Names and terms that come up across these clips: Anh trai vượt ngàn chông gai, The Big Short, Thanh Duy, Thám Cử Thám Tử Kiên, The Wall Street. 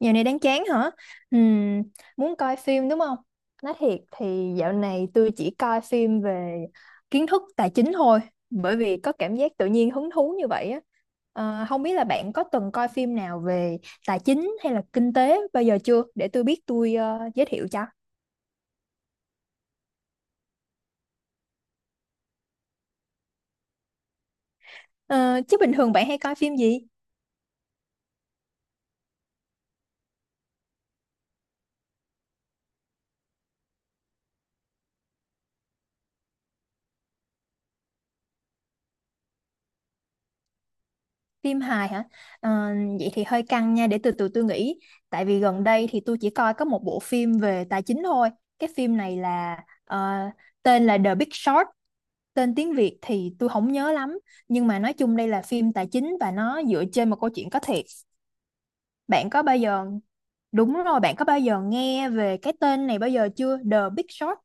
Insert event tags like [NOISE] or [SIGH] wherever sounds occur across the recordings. Dạo này đang chán hả? Ừm, Muốn coi phim đúng không? Nói thiệt thì dạo này tôi chỉ coi phim về kiến thức tài chính thôi, bởi vì có cảm giác tự nhiên hứng thú như vậy á. Không biết là bạn có từng coi phim nào về tài chính hay là kinh tế bao giờ chưa? Để tôi biết tôi giới thiệu cho. Ờ, Chứ bình thường bạn hay coi phim gì? Phim hài hả? Ờ, Vậy thì hơi căng nha, để từ từ tôi nghĩ. Tại vì gần đây thì tôi chỉ coi có một bộ phim về tài chính thôi. Cái phim này là ờ, tên là The Big Short, tên tiếng Việt thì tôi không nhớ lắm. Nhưng mà nói chung đây là phim tài chính và nó dựa trên một câu chuyện có thiệt. Bạn có bao giờ, đúng rồi, bạn có bao giờ nghe về cái tên này bao giờ chưa? The Big Short.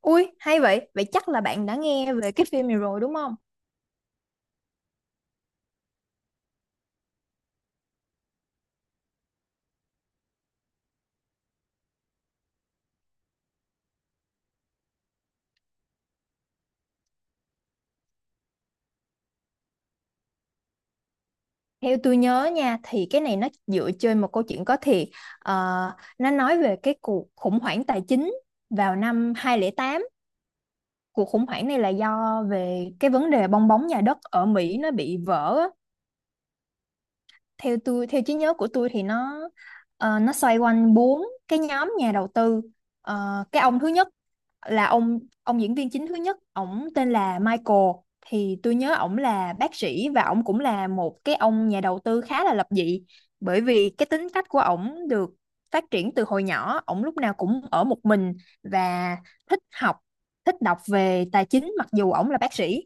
Ui, hay vậy. Vậy chắc là bạn đã nghe về cái phim này rồi đúng không? Theo tôi nhớ nha thì cái này nó dựa trên một câu chuyện có thiệt. Ờ, nó nói về cái cuộc khủng hoảng tài chính vào năm 2008, cuộc khủng hoảng này là do về cái vấn đề bong bóng nhà đất ở Mỹ nó bị vỡ á. Theo tôi theo trí nhớ của tôi thì nó xoay quanh bốn cái nhóm nhà đầu tư. Cái ông thứ nhất là ông diễn viên chính thứ nhất, ổng tên là Michael. Thì tôi nhớ ổng là bác sĩ và ổng cũng là một cái ông nhà đầu tư khá là lập dị, bởi vì cái tính cách của ổng được phát triển từ hồi nhỏ, ổng lúc nào cũng ở một mình và thích học, thích đọc về tài chính mặc dù ổng là bác sĩ,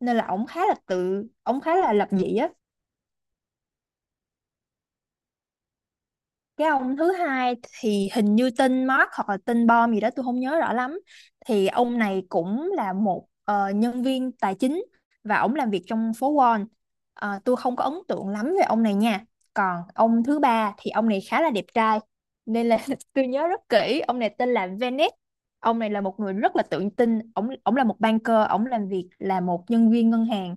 nên là ổng khá là lập dị á. Cái ông thứ hai thì hình như tên Mark hoặc là tên Bom gì đó tôi không nhớ rõ lắm, thì ông này cũng là một nhân viên tài chính và ông làm việc trong phố Wall. Tôi không có ấn tượng lắm về ông này nha. Còn ông thứ ba thì ông này khá là đẹp trai nên là [LAUGHS] tôi nhớ rất kỹ ông này, tên là Venice. Ông này là một người rất là tự tin, ông là một banker, ông làm việc là một nhân viên ngân hàng.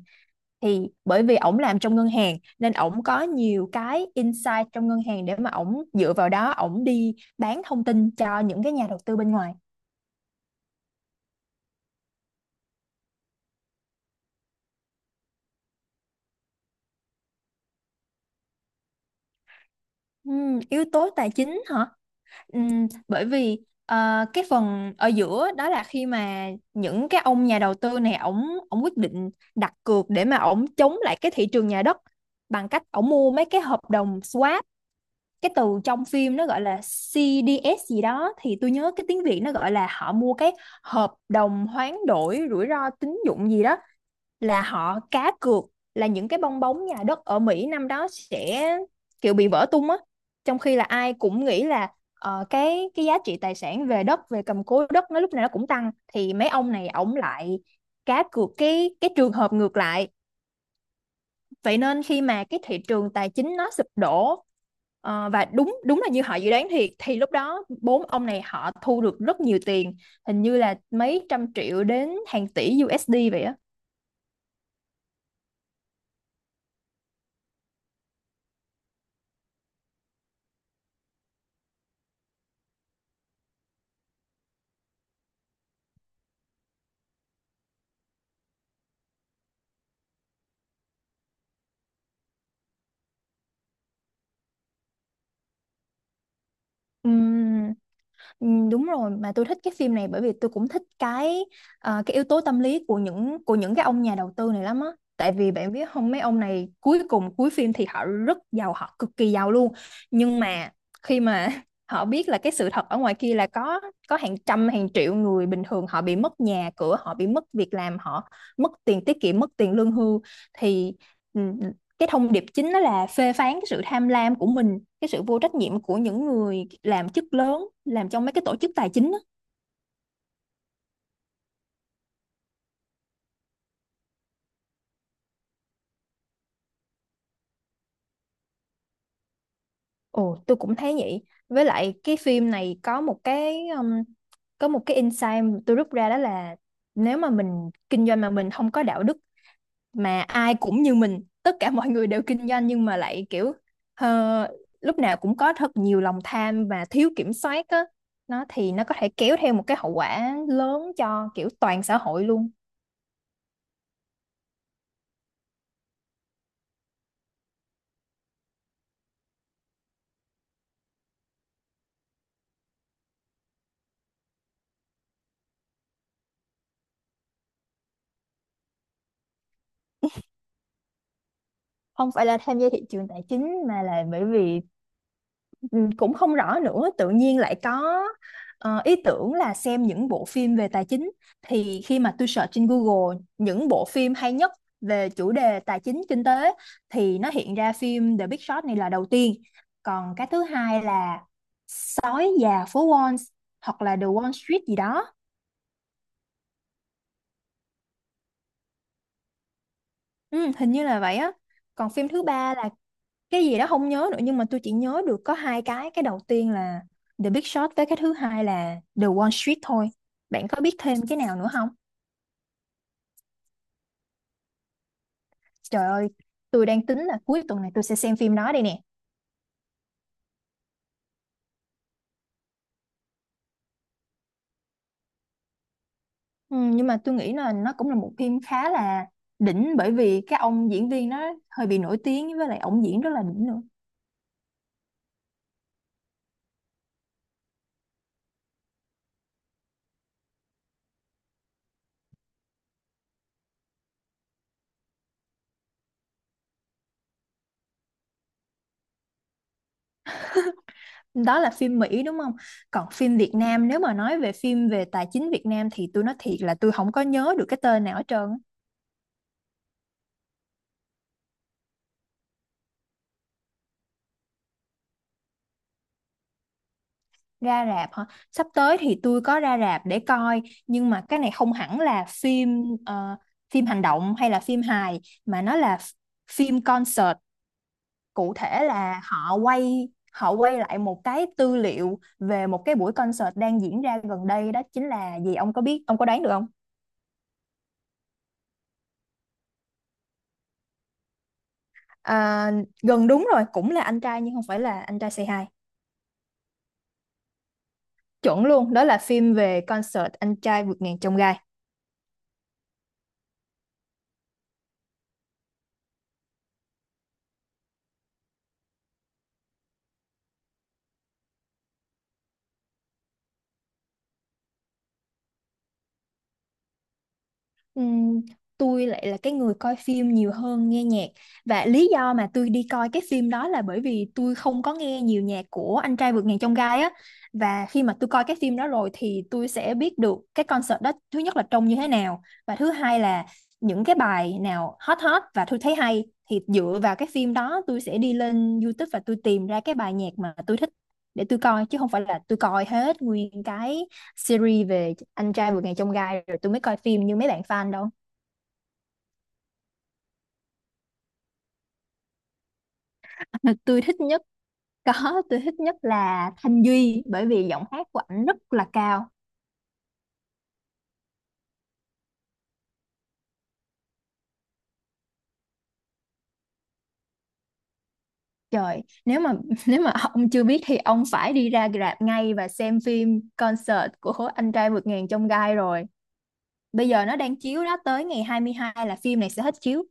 Thì bởi vì ổng làm trong ngân hàng nên ổng có nhiều cái insight trong ngân hàng để mà ổng dựa vào đó ổng đi bán thông tin cho những cái nhà đầu tư bên ngoài. Yếu tố tài chính hả? Bởi vì cái phần ở giữa đó là khi mà những cái ông nhà đầu tư này ổng ổng quyết định đặt cược để mà ổng chống lại cái thị trường nhà đất bằng cách ổng mua mấy cái hợp đồng swap. Cái từ trong phim nó gọi là CDS gì đó, thì tôi nhớ cái tiếng Việt nó gọi là họ mua cái hợp đồng hoán đổi rủi ro tín dụng gì đó, là họ cá cược là những cái bong bóng nhà đất ở Mỹ năm đó sẽ kiểu bị vỡ tung á, trong khi là ai cũng nghĩ là cái giá trị tài sản về đất về cầm cố đất nó lúc nào nó cũng tăng, thì mấy ông này ổng lại cá cược cái trường hợp ngược lại. Vậy nên khi mà cái thị trường tài chính nó sụp đổ, và đúng đúng là như họ dự đoán thiệt, thì lúc đó bốn ông này họ thu được rất nhiều tiền, hình như là mấy trăm triệu đến hàng tỷ USD vậy á. Ừm, Ừ, đúng rồi, mà tôi thích cái phim này bởi vì tôi cũng thích cái yếu tố tâm lý của những cái ông nhà đầu tư này lắm á, tại vì bạn biết không, mấy ông này cuối cùng cuối phim thì họ rất giàu, họ cực kỳ giàu luôn. Nhưng mà khi mà [LAUGHS] họ biết là cái sự thật ở ngoài kia là có hàng trăm hàng triệu người bình thường, họ bị mất nhà cửa, họ bị mất việc làm, họ mất tiền tiết kiệm, mất tiền lương hưu, thì ừ, cái thông điệp chính đó là phê phán cái sự tham lam của mình, cái sự vô trách nhiệm của những người làm chức lớn làm trong mấy cái tổ chức tài chính á. Ồ, tôi cũng thấy vậy. Với lại cái phim này có một cái insight tôi rút ra, đó là nếu mà mình kinh doanh mà mình không có đạo đức, mà ai cũng như mình, tất cả [LAUGHS] mọi người đều kinh doanh nhưng mà lại kiểu ờ, lúc nào cũng có thật nhiều lòng tham và thiếu kiểm soát á, nó thì nó có thể kéo theo một cái hậu quả lớn cho kiểu toàn xã hội luôn. Không phải là tham gia thị trường tài chính mà là bởi vì ừ, cũng không rõ nữa, tự nhiên lại có ý tưởng là xem những bộ phim về tài chính. Thì khi mà tôi search trên Google những bộ phim hay nhất về chủ đề tài chính kinh tế, thì nó hiện ra phim The Big Short này là đầu tiên. Còn cái thứ hai là Sói già phố Wall, hoặc là The Wall Street gì đó. Ừ, hình như là vậy á. Còn phim thứ ba là cái gì đó không nhớ nữa, nhưng mà tôi chỉ nhớ được có hai cái đầu tiên là The Big Short với cái thứ hai là The Wall Street thôi. Bạn có biết thêm cái nào nữa không? Trời ơi, tôi đang tính là cuối tuần này tôi sẽ xem phim đó đây nè. Ừ, nhưng mà tôi nghĩ là nó cũng là một phim khá là đỉnh, bởi vì cái ông diễn viên nó hơi bị nổi tiếng, với lại ông diễn rất là đỉnh nữa. Đó là phim Mỹ đúng không? Còn phim Việt Nam, nếu mà nói về phim về tài chính Việt Nam thì tôi nói thiệt là tôi không có nhớ được cái tên nào hết trơn á. Ra rạp hả? Sắp tới thì tôi có ra rạp để coi, nhưng mà cái này không hẳn là phim phim hành động hay là phim hài, mà nó là phim concert. Cụ thể là họ họ quay lại một cái tư liệu về một cái buổi concert đang diễn ra gần đây, đó chính là gì ông có biết, ông có đoán được không? À, gần đúng rồi, cũng là anh trai nhưng không phải là anh trai Say Hi. Chuẩn luôn, đó là phim về concert anh trai vượt ngàn chông gai. Ừm, tôi lại là cái người coi phim nhiều hơn nghe nhạc, và lý do mà tôi đi coi cái phim đó là bởi vì tôi không có nghe nhiều nhạc của Anh trai vượt ngàn chông gai á. Và khi mà tôi coi cái phim đó rồi thì tôi sẽ biết được cái concert đó, thứ nhất là trông như thế nào, và thứ hai là những cái bài nào hot hot và tôi thấy hay, thì dựa vào cái phim đó tôi sẽ đi lên YouTube và tôi tìm ra cái bài nhạc mà tôi thích để tôi coi, chứ không phải là tôi coi hết nguyên cái series về anh trai vượt ngàn chông gai rồi tôi mới coi phim như mấy bạn fan đâu. [LAUGHS] Tôi thích nhất, có, tôi thích nhất là Thanh Duy, bởi vì giọng hát của ảnh rất là cao. Trời, nếu mà [LAUGHS] nếu mà ông chưa biết thì ông phải đi ra rạp ngay và xem phim concert của anh trai vượt ngàn chông gai rồi. Bây giờ nó đang chiếu đó, tới ngày 22 là phim này sẽ hết chiếu.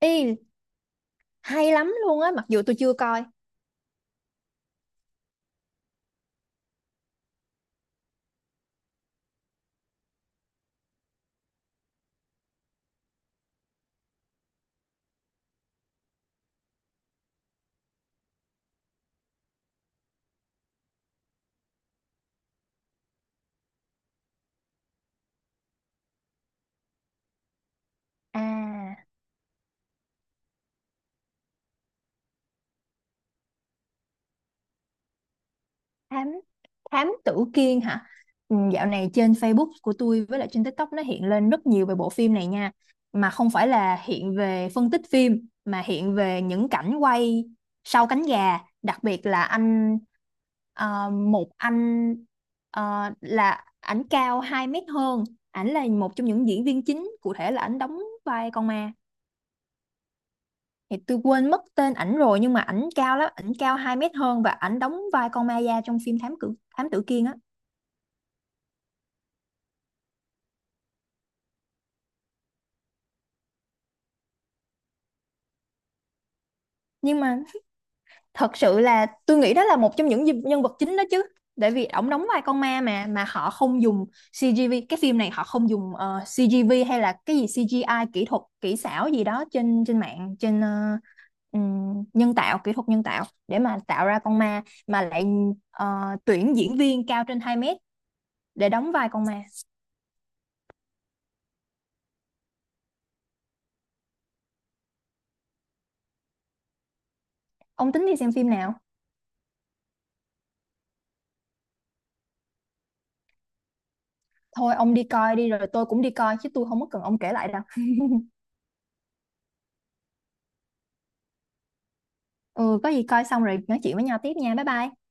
Y, hay lắm luôn á mặc dù tôi chưa coi. À, Thám thám tử Kiên hả? Ừ, dạo này trên Facebook của tôi với lại trên TikTok nó hiện lên rất nhiều về bộ phim này nha. Mà không phải là hiện về phân tích phim mà hiện về những cảnh quay sau cánh gà, đặc biệt là anh một anh là ảnh cao 2 mét hơn, ảnh là một trong những diễn viên chính, cụ thể là ảnh đóng vai con ma. Thì tôi quên mất tên ảnh rồi, nhưng mà ảnh cao lắm, ảnh cao 2 mét hơn và ảnh đóng vai con ma da trong phim Thám Tử Kiên á. Nhưng mà thật sự là tôi nghĩ đó là một trong những nhân vật chính đó chứ, tại vì ổng đóng vai con ma mà họ không dùng CGV. Cái phim này họ không dùng CGV hay là cái gì CGI, kỹ thuật kỹ xảo gì đó trên trên mạng, trên nhân tạo, kỹ thuật nhân tạo để mà tạo ra con ma, mà lại ờ, tuyển diễn viên cao trên 2 mét để đóng vai con ma. Ông tính đi xem phim nào? Thôi ông đi coi đi rồi tôi cũng đi coi, chứ tôi không có cần ông kể lại đâu. Ừ, có gì coi xong rồi nói chuyện với nhau tiếp nha, bye bye.